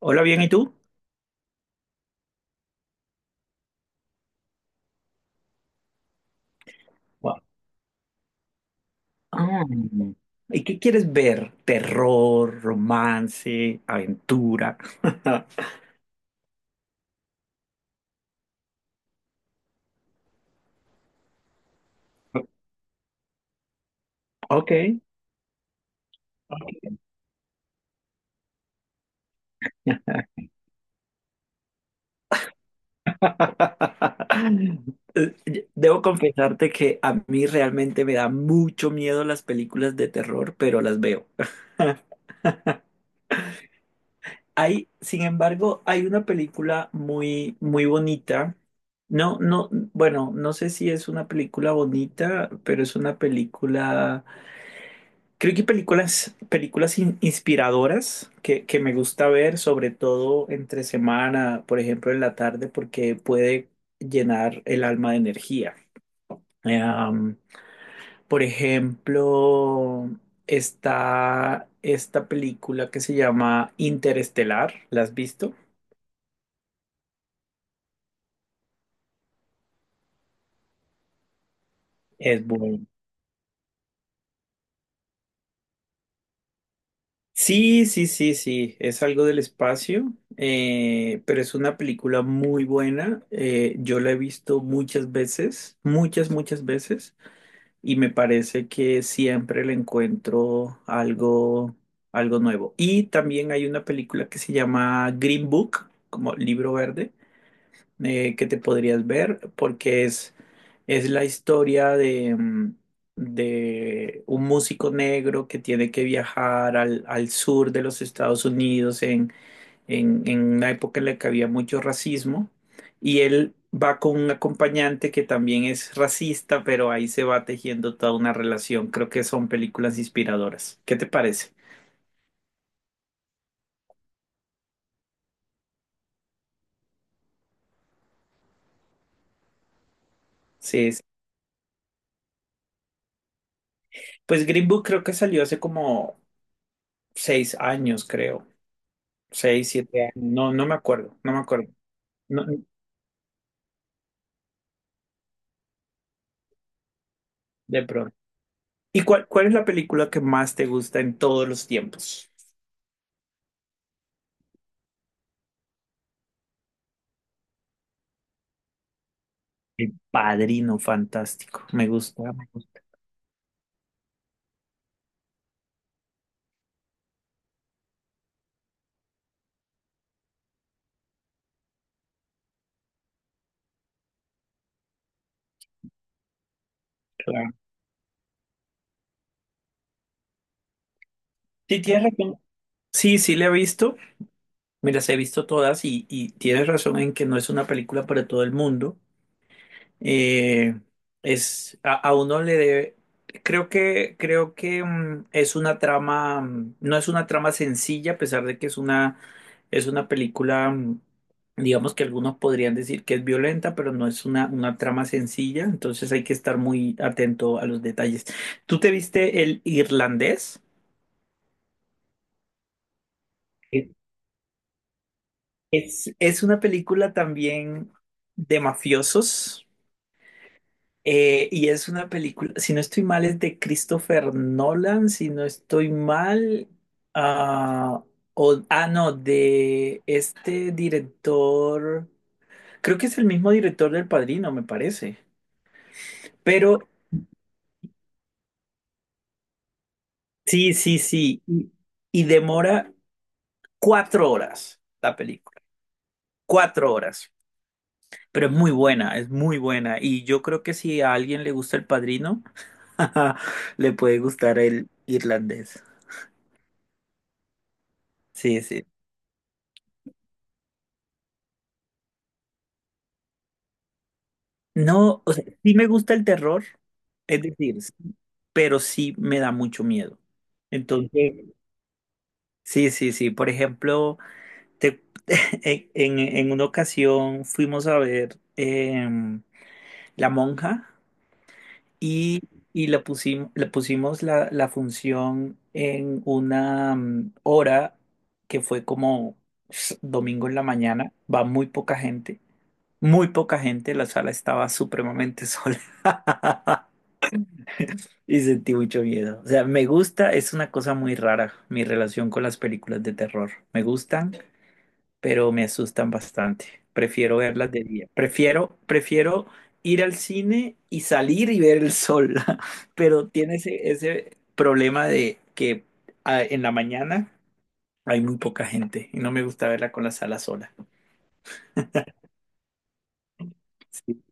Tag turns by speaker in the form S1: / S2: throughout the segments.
S1: Hola, bien, ¿y tú? Gua- Ah, ¿Y qué quieres ver? Terror, romance, aventura. Ok. Ok. Debo confesarte que a mí realmente me da mucho miedo las películas de terror, pero las veo. Hay, sin embargo, hay una película muy, muy bonita. No, no, bueno, no sé si es una película bonita, pero es una película. Creo que películas, inspiradoras que me gusta ver, sobre todo entre semana, por ejemplo, en la tarde, porque puede llenar el alma de energía. Eh, um, por ejemplo, está esta película que se llama Interestelar. ¿La has visto? Es buena. Sí, sí, sí, sí, es algo del espacio, pero es una película muy buena. Yo la he visto muchas veces, muchas, muchas veces, y me parece que siempre le encuentro algo, algo nuevo. Y también hay una película que se llama Green Book, como libro verde, que te podrías ver porque es la historia de, de un músico negro que tiene que viajar al sur de los Estados Unidos en, en una época en la que había mucho racismo y él va con un acompañante que también es racista, pero ahí se va tejiendo toda una relación. Creo que son películas inspiradoras. ¿Qué te parece? Sí, es- pues Green Book creo que salió hace como 6 años, creo. Seis, 7 años. No, no me acuerdo, no me acuerdo. No, de pronto. ¿Y cuál es la película que más te gusta en todos los tiempos? El Padrino, fantástico. Me gusta mucho. Sí, tienes razón. Sí, sí, la he visto. Mira, las he visto todas y tienes razón en que no es una película para todo el mundo. Eh, es, a uno le debe, creo que es una trama, no es una trama sencilla, a pesar de que es una película, digamos que algunos podrían decir que es violenta, pero no es una trama sencilla, entonces hay que estar muy atento a los detalles. ¿Tú te viste El Irlandés? Eh, es una película también de mafiosos. Y es una película, si no estoy mal, es de Christopher Nolan, si no estoy mal, ah, no, de este director, creo que es el mismo director del Padrino, me parece, pero sí, sí, sí, y demora 4 horas la película, 4 horas, pero es muy buena, y yo creo que si a alguien le gusta el Padrino, le puede gustar el irlandés, sí, sí. No, o sea, sí me gusta el terror, es decir, sí, pero sí me da mucho miedo. Entonces, sí, sí, sí. Por ejemplo, te- en una ocasión fuimos a ver La Monja y, y la pusimos, le pusimos la función en una hora que fue como domingo en la mañana. Va muy poca gente, muy poca gente. La sala estaba supremamente sola. Y sentí mucho miedo. O sea, me gusta, es una cosa muy rara mi relación con las películas de terror. Me gustan, pero me asustan bastante. Prefiero verlas de día. Prefiero, prefiero ir al cine y salir y ver el sol. Pero tiene ese, ese problema de que en la mañana hay muy poca gente y no me gusta verla con la sala sola. Sí.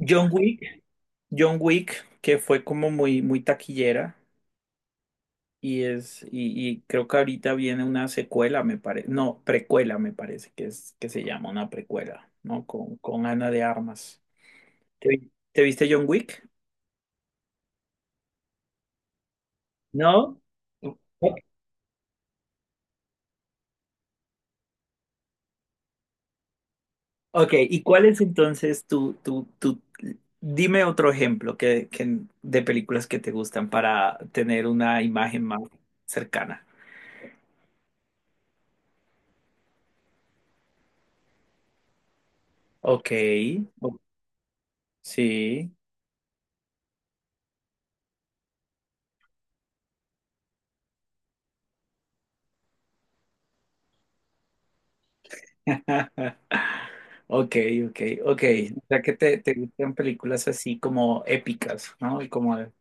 S1: John Wick, John Wick, que fue como muy, muy taquillera. Y es, y creo que ahorita viene una secuela, me parece, no, precuela me parece que es que se llama una precuela, ¿no? Con Ana de Armas. ¿Te, te viste John Wick? ¿No? Ok, ¿y cuál es entonces tu, dime otro ejemplo de películas que te gustan para tener una imagen más cercana. Ok, sí. Ok, ok, ok. O sea que te gustan películas así como épicas, ¿no? Y como de-.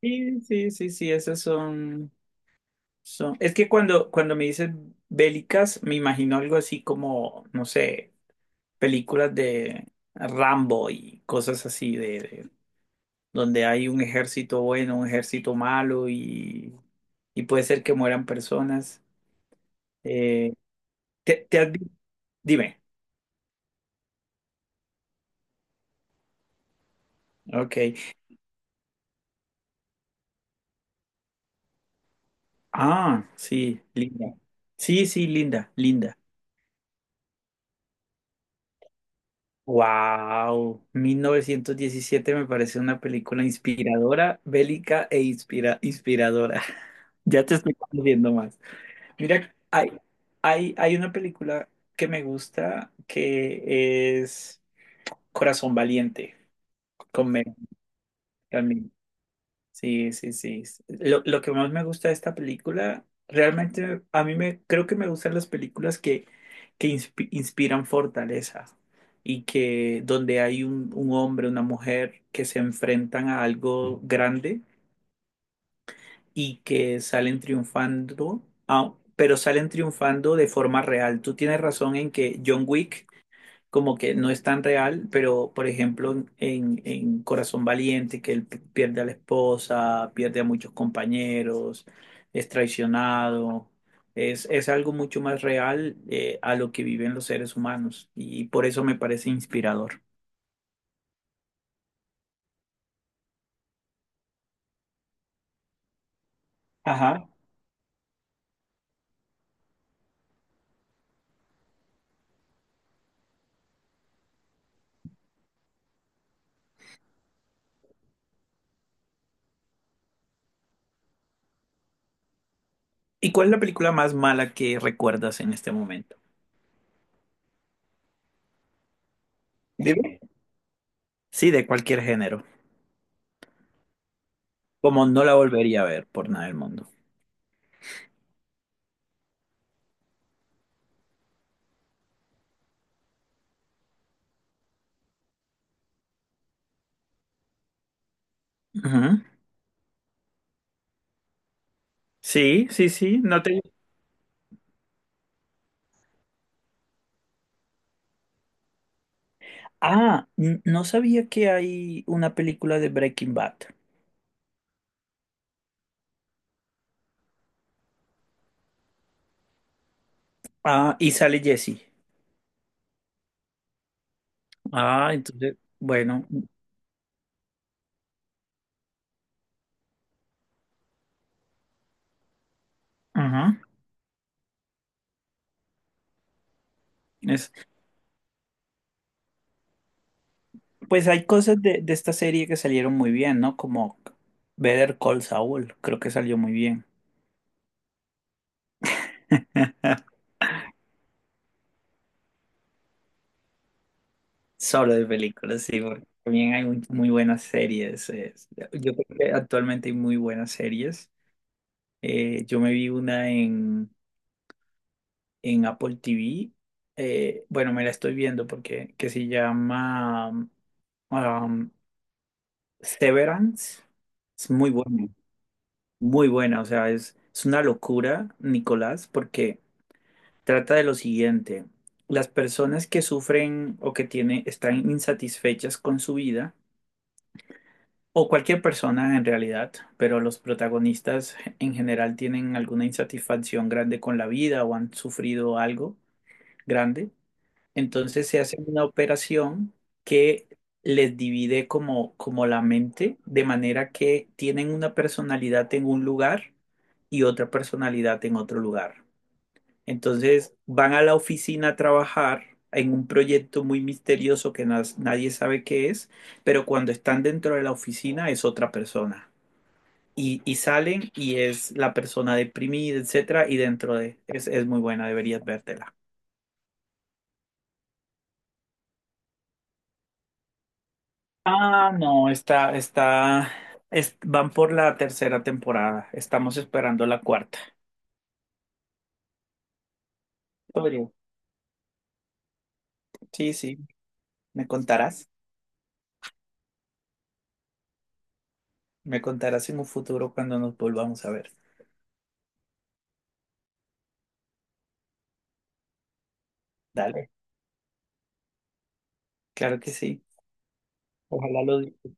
S1: Sí, sí, sí, sí, esas son, son... Es que cuando me dices bélicas, me imagino algo así como, no sé, películas de Rambo y cosas así de-, donde hay un ejército bueno, un ejército malo y puede ser que mueran personas. Eh, te, te has vi- Dime. Ok. Ah, sí, linda. Sí, sí, linda, linda. Wow, 1917 me parece una película inspiradora, bélica e inspiradora. Ya te estoy conociendo más. Mira, hay una película que me gusta que es Corazón Valiente, con Megan también. Sí, sí, sí. Lo que más me gusta de esta película, realmente a mí me creo que me gustan las películas que inspiran fortaleza y que donde hay un hombre, una mujer que se enfrentan a algo grande y que salen triunfando, ah, pero salen triunfando de forma real. Tú tienes razón en que John Wick como que no es tan real, pero por ejemplo en Corazón Valiente, que él pierde a la esposa, pierde a muchos compañeros, es traicionado, es algo mucho más real a lo que viven los seres humanos y por eso me parece inspirador. Ajá. ¿Y cuál es la película más mala que recuerdas en este momento? Dime. Sí, de cualquier género. Como no la volvería a ver por nada del mundo. Ujú. Sí, sí, sí. No te. Ah, no sabía que hay una película de Breaking Bad. Ah, y sale Jesse. Ah, entonces, bueno, ajá. Es, pues hay cosas de esta serie que salieron muy bien, ¿no? Como Better Call Saul, creo que salió muy bien. Solo de películas, sí, porque también hay muy, muy buenas series. Yo creo que actualmente hay muy buenas series. Yo me vi una en Apple TV. Bueno, me la estoy viendo porque que se llama um, Severance. Es muy buena, muy buena. O sea, es una locura, Nicolás, porque trata de lo siguiente. Las personas que sufren o que tienen, están insatisfechas con su vida, o cualquier persona en realidad, pero los protagonistas en general tienen alguna insatisfacción grande con la vida o han sufrido algo grande. Entonces se hace una operación que les divide como, como la mente, de manera que tienen una personalidad en un lugar y otra personalidad en otro lugar. Entonces van a la oficina a trabajar en un proyecto muy misterioso que nadie sabe qué es, pero cuando están dentro de la oficina es otra persona. Y salen y es la persona deprimida, etcétera, y dentro de... es muy buena, deberías vértela. Ah, no, está, está, es- van por la tercera temporada. Estamos esperando la cuarta. Podría. Sí, sí, me contarás. Me contarás en un futuro cuando nos volvamos a ver. Dale, claro que sí. Ojalá lo